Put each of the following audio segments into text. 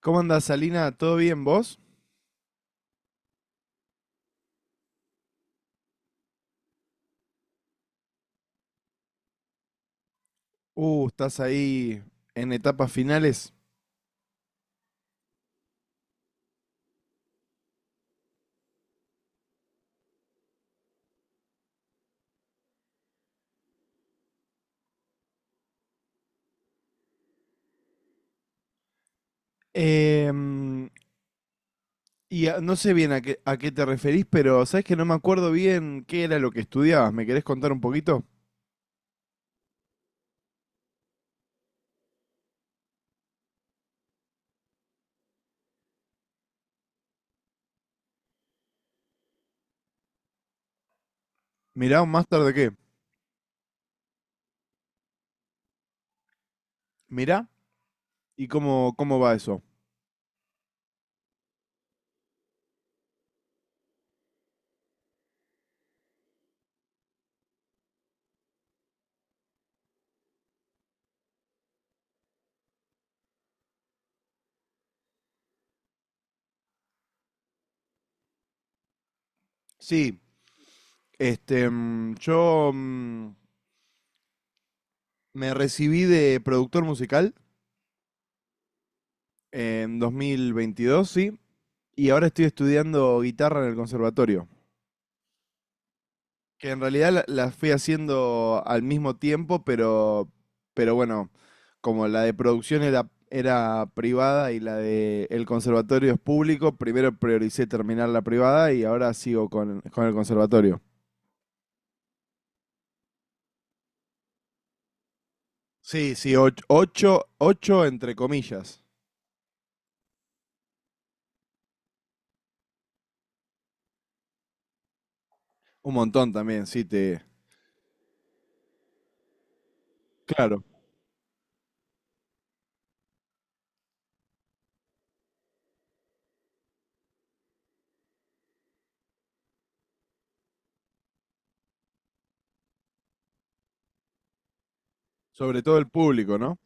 ¿Cómo andás, Salina? ¿Todo bien vos? Estás ahí en etapas finales. Em, no sé bien a qué te referís, pero sabes que no me acuerdo bien qué era lo que estudiabas. ¿Me querés contar un poquito? Mirá, ¿un máster de qué? Mirá, ¿y cómo va eso? Sí, este, yo me recibí de productor musical en 2022, sí, y ahora estoy estudiando guitarra en el conservatorio. Que en realidad las fui haciendo al mismo tiempo, pero bueno, como la de producción era privada y la de el conservatorio es público, primero prioricé terminar la privada y ahora sigo con el conservatorio. Sí, sí, ocho, ocho entre comillas. Un montón también, sí, te... Claro, sobre todo el público, ¿no?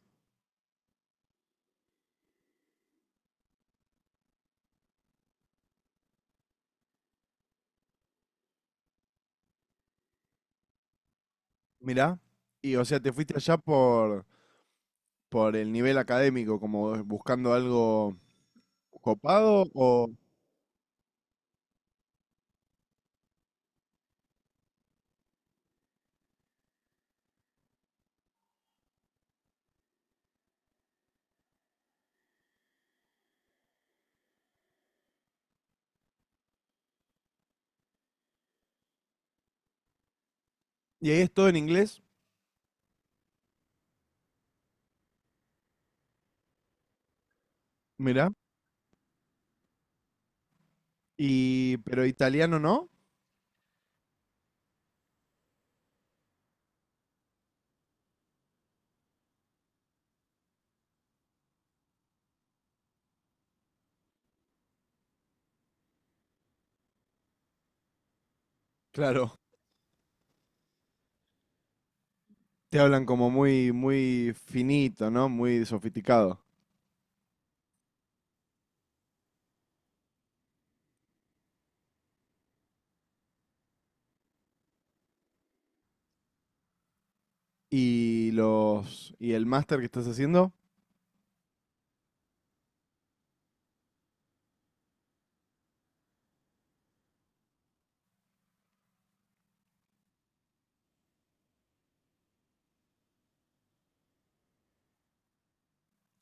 Mirá, y o sea, te fuiste allá por el nivel académico, como buscando algo copado o... ¿Y ahí es todo en inglés? Mirá. Y, pero italiano no. Claro. Te hablan como muy, muy finito, ¿no? Muy sofisticado. Y el máster que estás haciendo,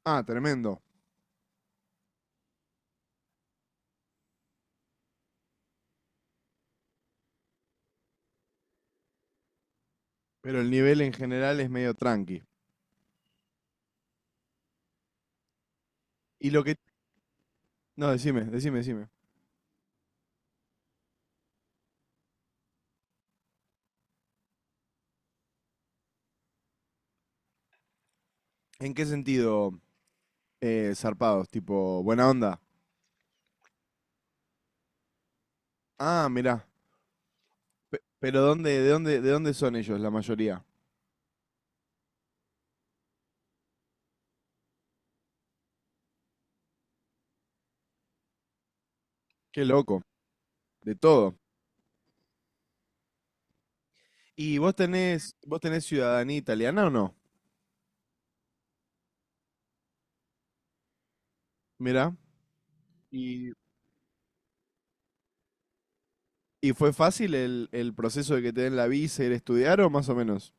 ah, tremendo. Pero el nivel en general es medio tranqui. Y lo que, no, decime, decime, decime. ¿En qué sentido zarpados? Tipo, buena onda. Ah, mirá. Pero ¿ de dónde son ellos la mayoría? Qué loco. De todo. ¿Y vos tenés ciudadanía italiana o no? Mirá. ¿Y ¿Y fue fácil el proceso de que te den la visa, y ir a estudiar o más o menos?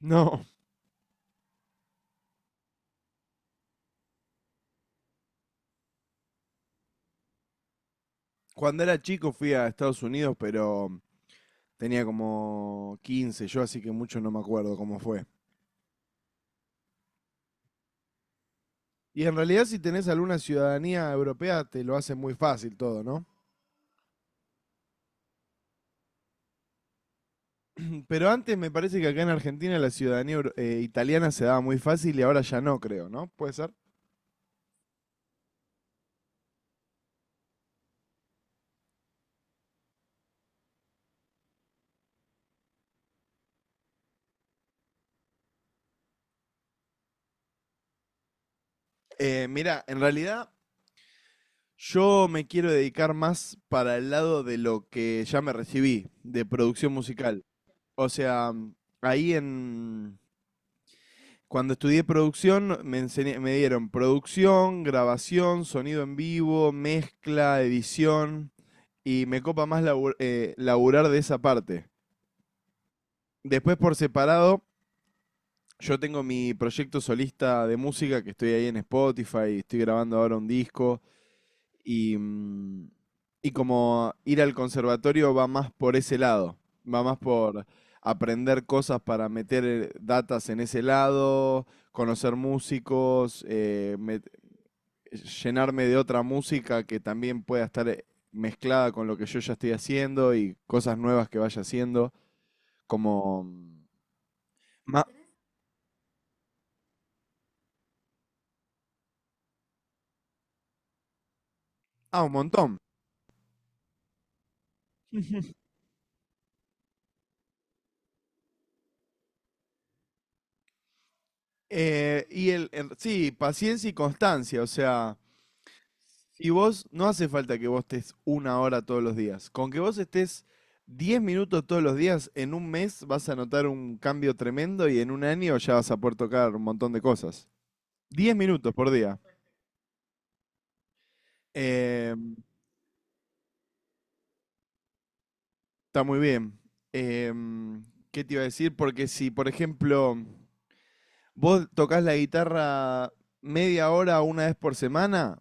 No. Cuando era chico fui a Estados Unidos, pero tenía como 15 yo, así que mucho no me acuerdo cómo fue. Y en realidad si tenés alguna ciudadanía europea te lo hace muy fácil todo, ¿no? Pero antes me parece que acá en Argentina la ciudadanía italiana se daba muy fácil y ahora ya no, creo, ¿no? ¿Puede ser? Mira, en realidad yo me quiero dedicar más para el lado de lo que ya me recibí, de producción musical. O sea, ahí en. Cuando estudié producción, me dieron producción, grabación, sonido en vivo, mezcla, edición. Y me copa más laburar de esa parte. Después, por separado, yo tengo mi proyecto solista de música que estoy ahí en Spotify. Estoy grabando ahora un disco. Y, mm, y como ir al conservatorio va más por ese lado, va más por aprender cosas para meter datas en ese lado, conocer músicos, llenarme de otra música que también pueda estar mezclada con lo que yo ya estoy haciendo y cosas nuevas que vaya haciendo, como... mm, ma- Ah, un montón. Sí, paciencia y constancia, o sea, y vos, no hace falta que vos estés una hora todos los días. Con que vos estés 10 minutos todos los días, en un mes vas a notar un cambio tremendo y en un año ya vas a poder tocar un montón de cosas. 10 minutos por día. Eh, está muy bien. Em, ¿qué te iba a decir? Porque si, por ejemplo, vos tocas la guitarra media hora una vez por semana,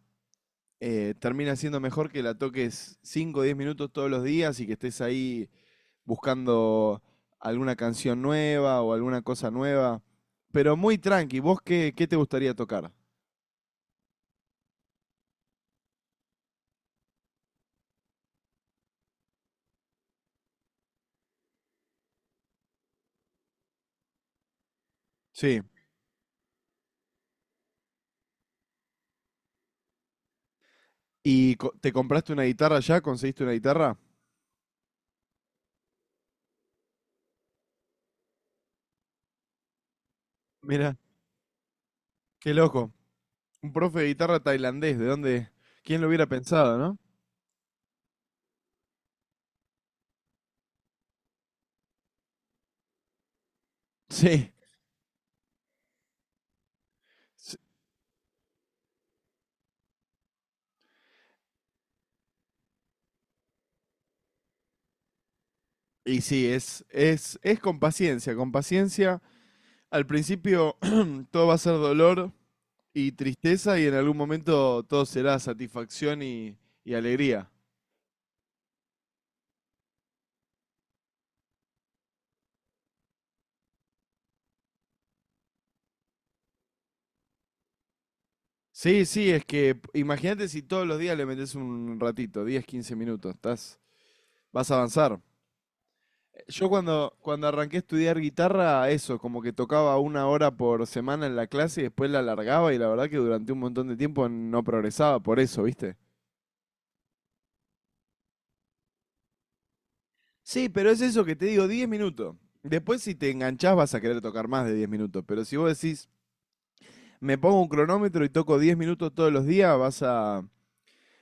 termina siendo mejor que la toques cinco o 10 minutos todos los días y que estés ahí buscando alguna canción nueva o alguna cosa nueva. Pero muy tranqui, ¿vos qué, qué te gustaría tocar? Sí. ¿Y te compraste una guitarra ya? ¿Conseguiste una guitarra? Mira, qué loco. Un profe de guitarra tailandés, ¿de dónde? ¿Quién lo hubiera pensado, no? Sí. S- Y sí, es con paciencia, con paciencia. Al principio todo va a ser dolor y tristeza y en algún momento todo será satisfacción y alegría. Sí, sí, es que imagínate si todos los días le metes un ratito, 10, quince minutos, estás, vas a avanzar. Yo cuando arranqué a estudiar guitarra, eso, como que tocaba una hora por semana en la clase y después la alargaba y la verdad que durante un montón de tiempo no progresaba por eso, ¿viste? Sí, pero es eso que te digo, 10 minutos. Después si te enganchás vas a querer tocar más de 10 minutos, pero si vos decís, me pongo un cronómetro y toco 10 minutos todos los días, vas a,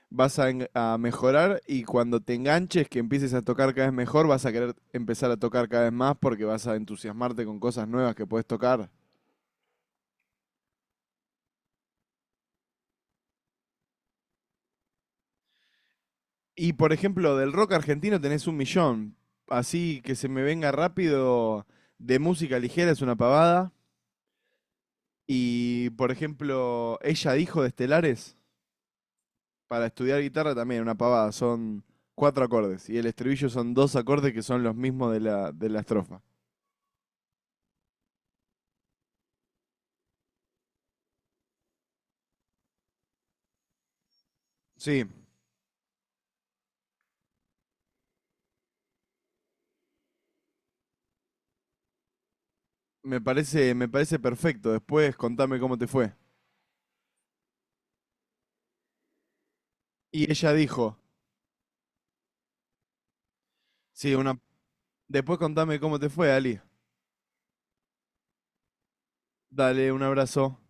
vas a, en- a mejorar y cuando te enganches, que empieces a tocar cada vez mejor, vas a querer empezar a tocar cada vez más porque vas a entusiasmarte con cosas nuevas que puedes tocar. Y por ejemplo, del rock argentino tenés un millón. Así que se me venga rápido de música ligera es una pavada. Y por ejemplo, ella dijo de Estelares para estudiar guitarra también una pavada. Son cuatro acordes y el estribillo son dos acordes que son los mismos de la estrofa. Sí, me parece perfecto. Después contame cómo te fue. Y ella dijo, sí, una... Después contame cómo te fue, Ali. Dale, un abrazo.